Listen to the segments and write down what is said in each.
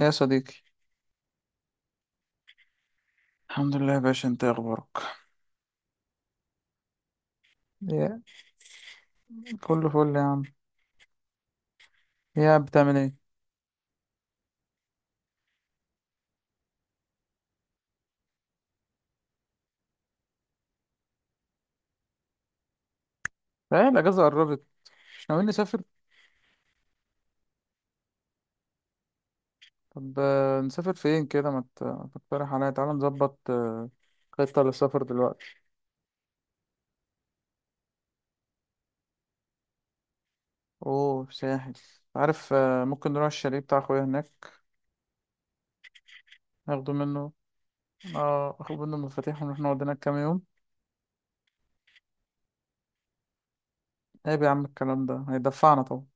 يا صديقي. الحمد لله يا باشا، انت ايه اخبارك؟ يا كله فل يا عم. يا بتعمل ايه؟ ايه، الأجازة قربت، مش ناويين نسافر؟ طب نسافر فين كده، ما تقترح عليا؟ تعالى نظبط خطة للسفر دلوقتي. اوه، ساحل. عارف، ممكن نروح الشاليه بتاع اخويا هناك، ناخده منه. اه، اخد منه المفاتيح ونروح نقعد هناك كام يوم. عيب يا عم الكلام ده، هيدفعنا طبعا.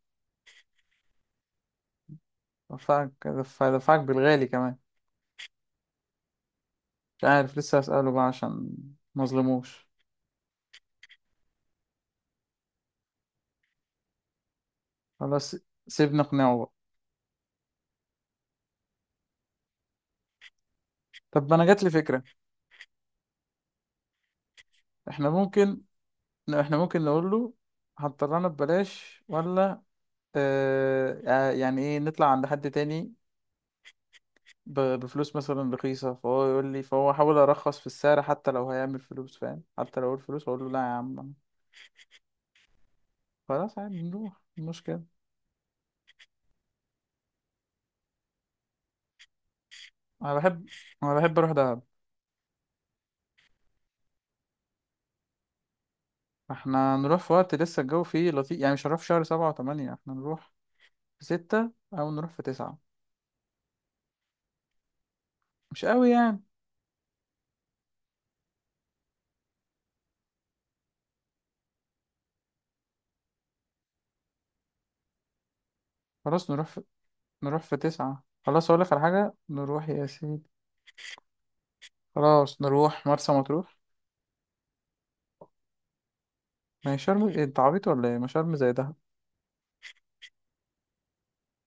دفعك، دفعك بالغالي كمان. مش عارف، لسه هسأله بقى عشان مظلموش. خلاص، سيبنا نقنعه بقى. طب ما انا جات لي فكره. احنا ممكن، نقول له هتطلعنا ببلاش ولا يعني ايه، نطلع عند حد تاني بفلوس مثلا رخيصه، فهو يقول لي، فهو احاول ارخص في السعر، حتى لو هيعمل فلوس فاهم، حتى لو الفلوس اقول له لا يا عم. خلاص عادي نروح، إيه المشكله؟ انا بحب انا بحب اروح دهب. احنا نروح في وقت لسه الجو فيه لطيف، يعني مش هنروح في شهر 7 و8، احنا نروح في 6 او نروح في 9. مش قوي يعني. خلاص نروح، نروح في 9. خلاص، أقولك على حاجة، نروح يا سيدي. خلاص نروح مرسى مطروح. ما هي شرم إيه، أنت عبيط ولا إيه؟ ما شرم زي دهب.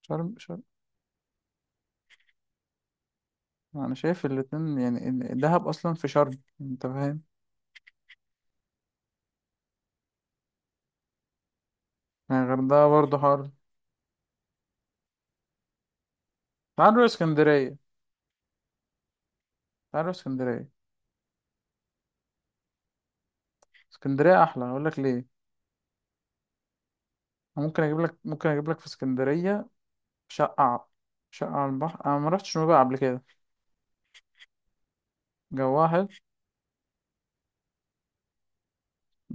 شرم شرم. أنا شايف الاتنين يعني، إن دهب أصلا في شرم، أنت فاهم. يعني الغردقة برضه حر. تعال نروح اسكندرية، تعال نروح اسكندرية. اسكندرية أحلى، أقولك ليه. أنا ممكن أجيب لك، في اسكندرية شقة ع- شقة على البحر. أنا ما رحتش نوبة قبل كده، جواها حلو.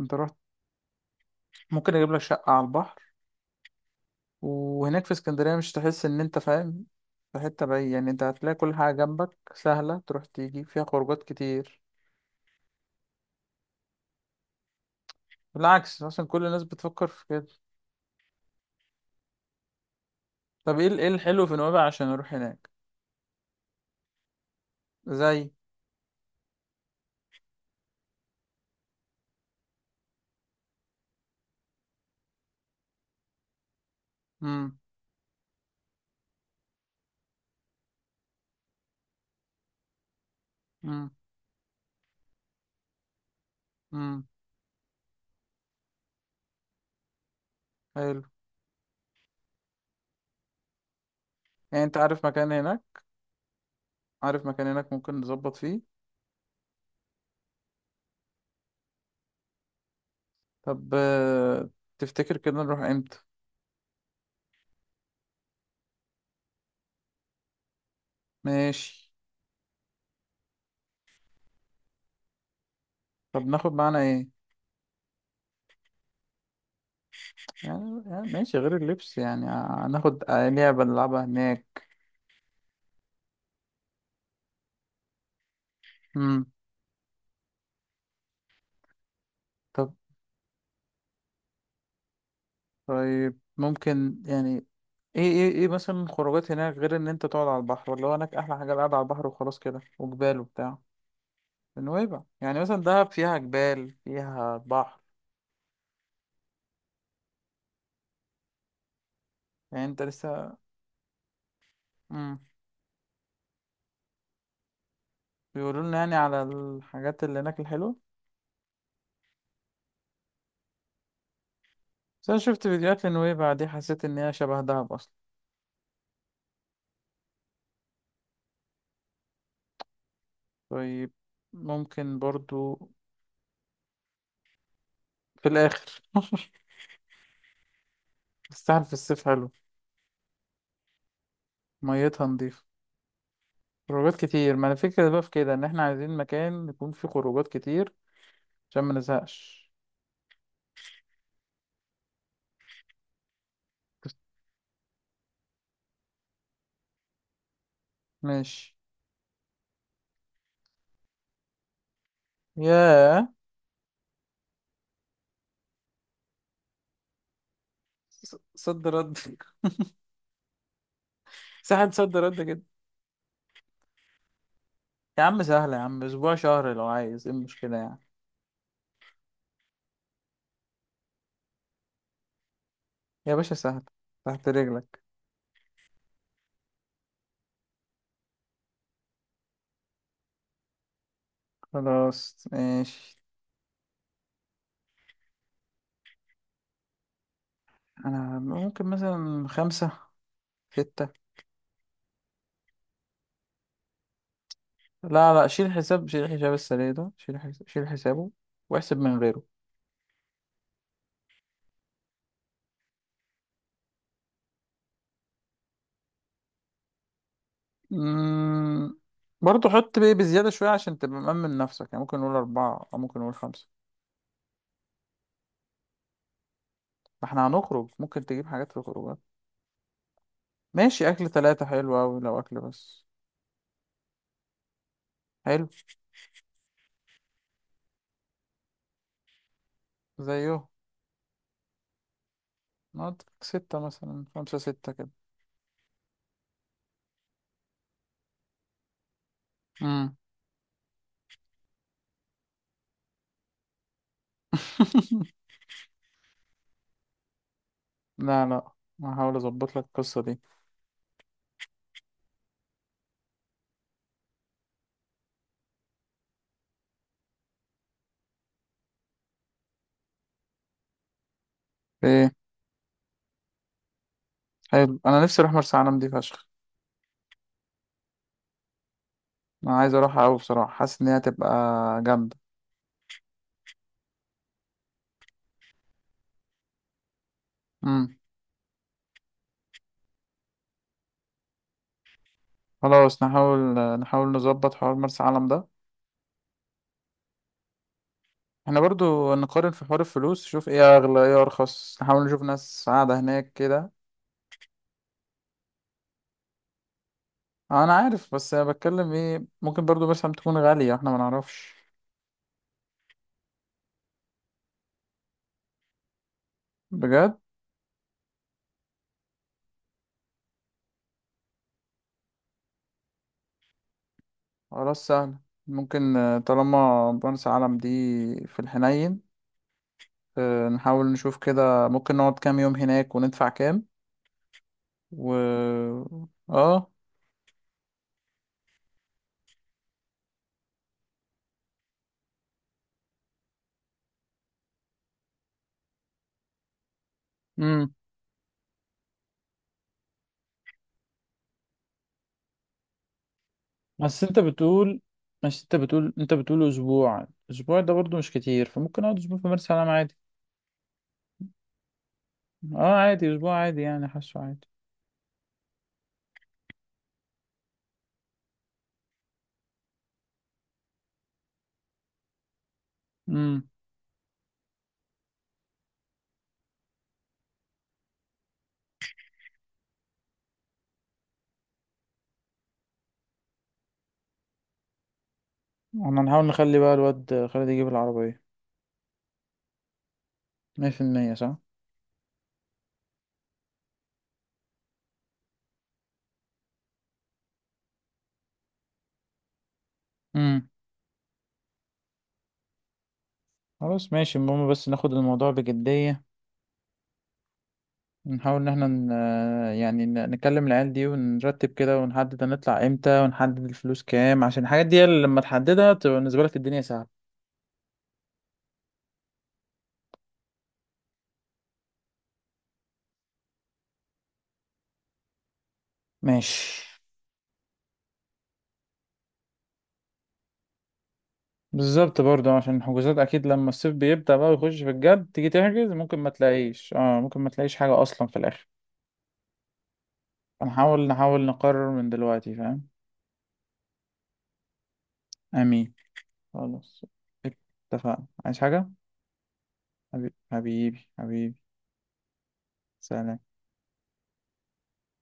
أنت رحت؟ ممكن أجيب لك شقة على البحر، وهناك في اسكندرية مش تحس إن أنت فاهم في حتة بعيد، يعني أنت هتلاقي كل حاجة جنبك سهلة، تروح تيجي، فيها خروجات كتير. بالعكس، مثلا كل الناس بتفكر في كده. طب إيه إيه الحلو في نويبع عشان أروح هناك؟ زي. مم. مم. مم. حلو. يعني أنت عارف مكان هناك؟ عارف مكان هناك ممكن نظبط فيه؟ طب تفتكر كده نروح إمتى؟ ماشي. طب ناخد معانا إيه؟ يعني، ماشي غير اللبس، يعني هناخد لعبة نلعبها هناك. مم. طب، طيب ممكن يعني، ايه مثلا خروجات هناك غير ان انت تقعد على البحر؟ ولا هو هناك احلى حاجه القعده على البحر وخلاص كده، وجبال وبتاع؟ نويبع يعني مثلا دهب فيها جبال فيها بحر. يعني انت لسه. امم. بيقولوا لنا يعني على الحاجات اللي هناك الحلوه. بس انا شفت فيديوهات لنويبع دي، حسيت ان هي شبه دهب اصلا. طيب، ممكن برضو. في الاخر الساحل في الصيف حلو. ميتها نضيفه. خروجات كتير، ما انا فكرة بقى في كده، ان احنا عايزين مكان يكون فيه خروجات كتير عشان ما نزهقش. ماشي. ياه. صد رد سهل صد رد كده. يا عم سهلة يا عم، أسبوع شهر لو عايز، إيه المشكلة يعني؟ يا باشا سهل، تحت رجلك. خلاص ماشي. أنا ممكن مثلا خمسة، ستة. لا لا، شيل حساب، السريع ده، شيل حسابه واحسب من غيره. مم... برضه حط بيه بزيادة شوية عشان تبقى مأمن نفسك، يعني ممكن نقول أربعة أو ممكن نقول خمسة. ما احنا هنخرج، ممكن تجيب حاجات في الخروج. ماشي، أكل تلاتة حلو أوي لو أكل بس. حلو. زيه. نقعد ستة مثلا، خمسة ستة كده. مم. لا لا، ما هحاول أظبط لك القصة دي. إيه. حلو، أنا نفسي أروح مرسى علم دي فشخ. أنا عايز أروحها أوي بصراحة، حاسس إن هي هتبقى جامدة. مم. خلاص نحاول، نظبط حوار مرسى علم ده. احنا برضو نقارن في حوار الفلوس، نشوف ايه اغلى ايه ارخص، نحاول نشوف ناس قاعدة هناك كده. انا عارف، بس انا بتكلم ايه، ممكن برضو مرسى علم تكون غالية، احنا ما نعرفش. بجد؟ خلاص سهل. ممكن طالما بنس عالم دي في الحنين، نحاول نشوف كده، ممكن نقعد كام يوم هناك وندفع كام. و. اه. امم. بس انت بتقول، اسبوع، اسبوع ده برضو مش كتير، فممكن اقعد اسبوع في مرسى علم عادي. اه عادي، اسبوع عادي يعني، حاسه عادي. امم. احنا نحاول نخلي بقى الواد خالد يجيب العربية، 100%، صح؟ امم. خلاص ماشي، المهم بس ناخد الموضوع بجدية. نحاول ان احنا يعني نكلم العيال دي ونرتب كده، ونحدد هنطلع امتى، ونحدد الفلوس كام، عشان الحاجات دي اللي لما تحددها تبقى بالنسبة لك الدنيا سهلة. ماشي. بالظبط، برضه عشان الحجوزات اكيد لما الصيف بيبدأ بقى ويخش في الجد، تيجي تحجز ممكن ما تلاقيش، اه ممكن ما تلاقيش حاجة اصلا في الاخر. هنحاول، نقرر من دلوقتي، فاهم؟ امين. خلاص، اتفقنا. عايز حاجة؟ حبيبي حبيبي حبيبي. سلام.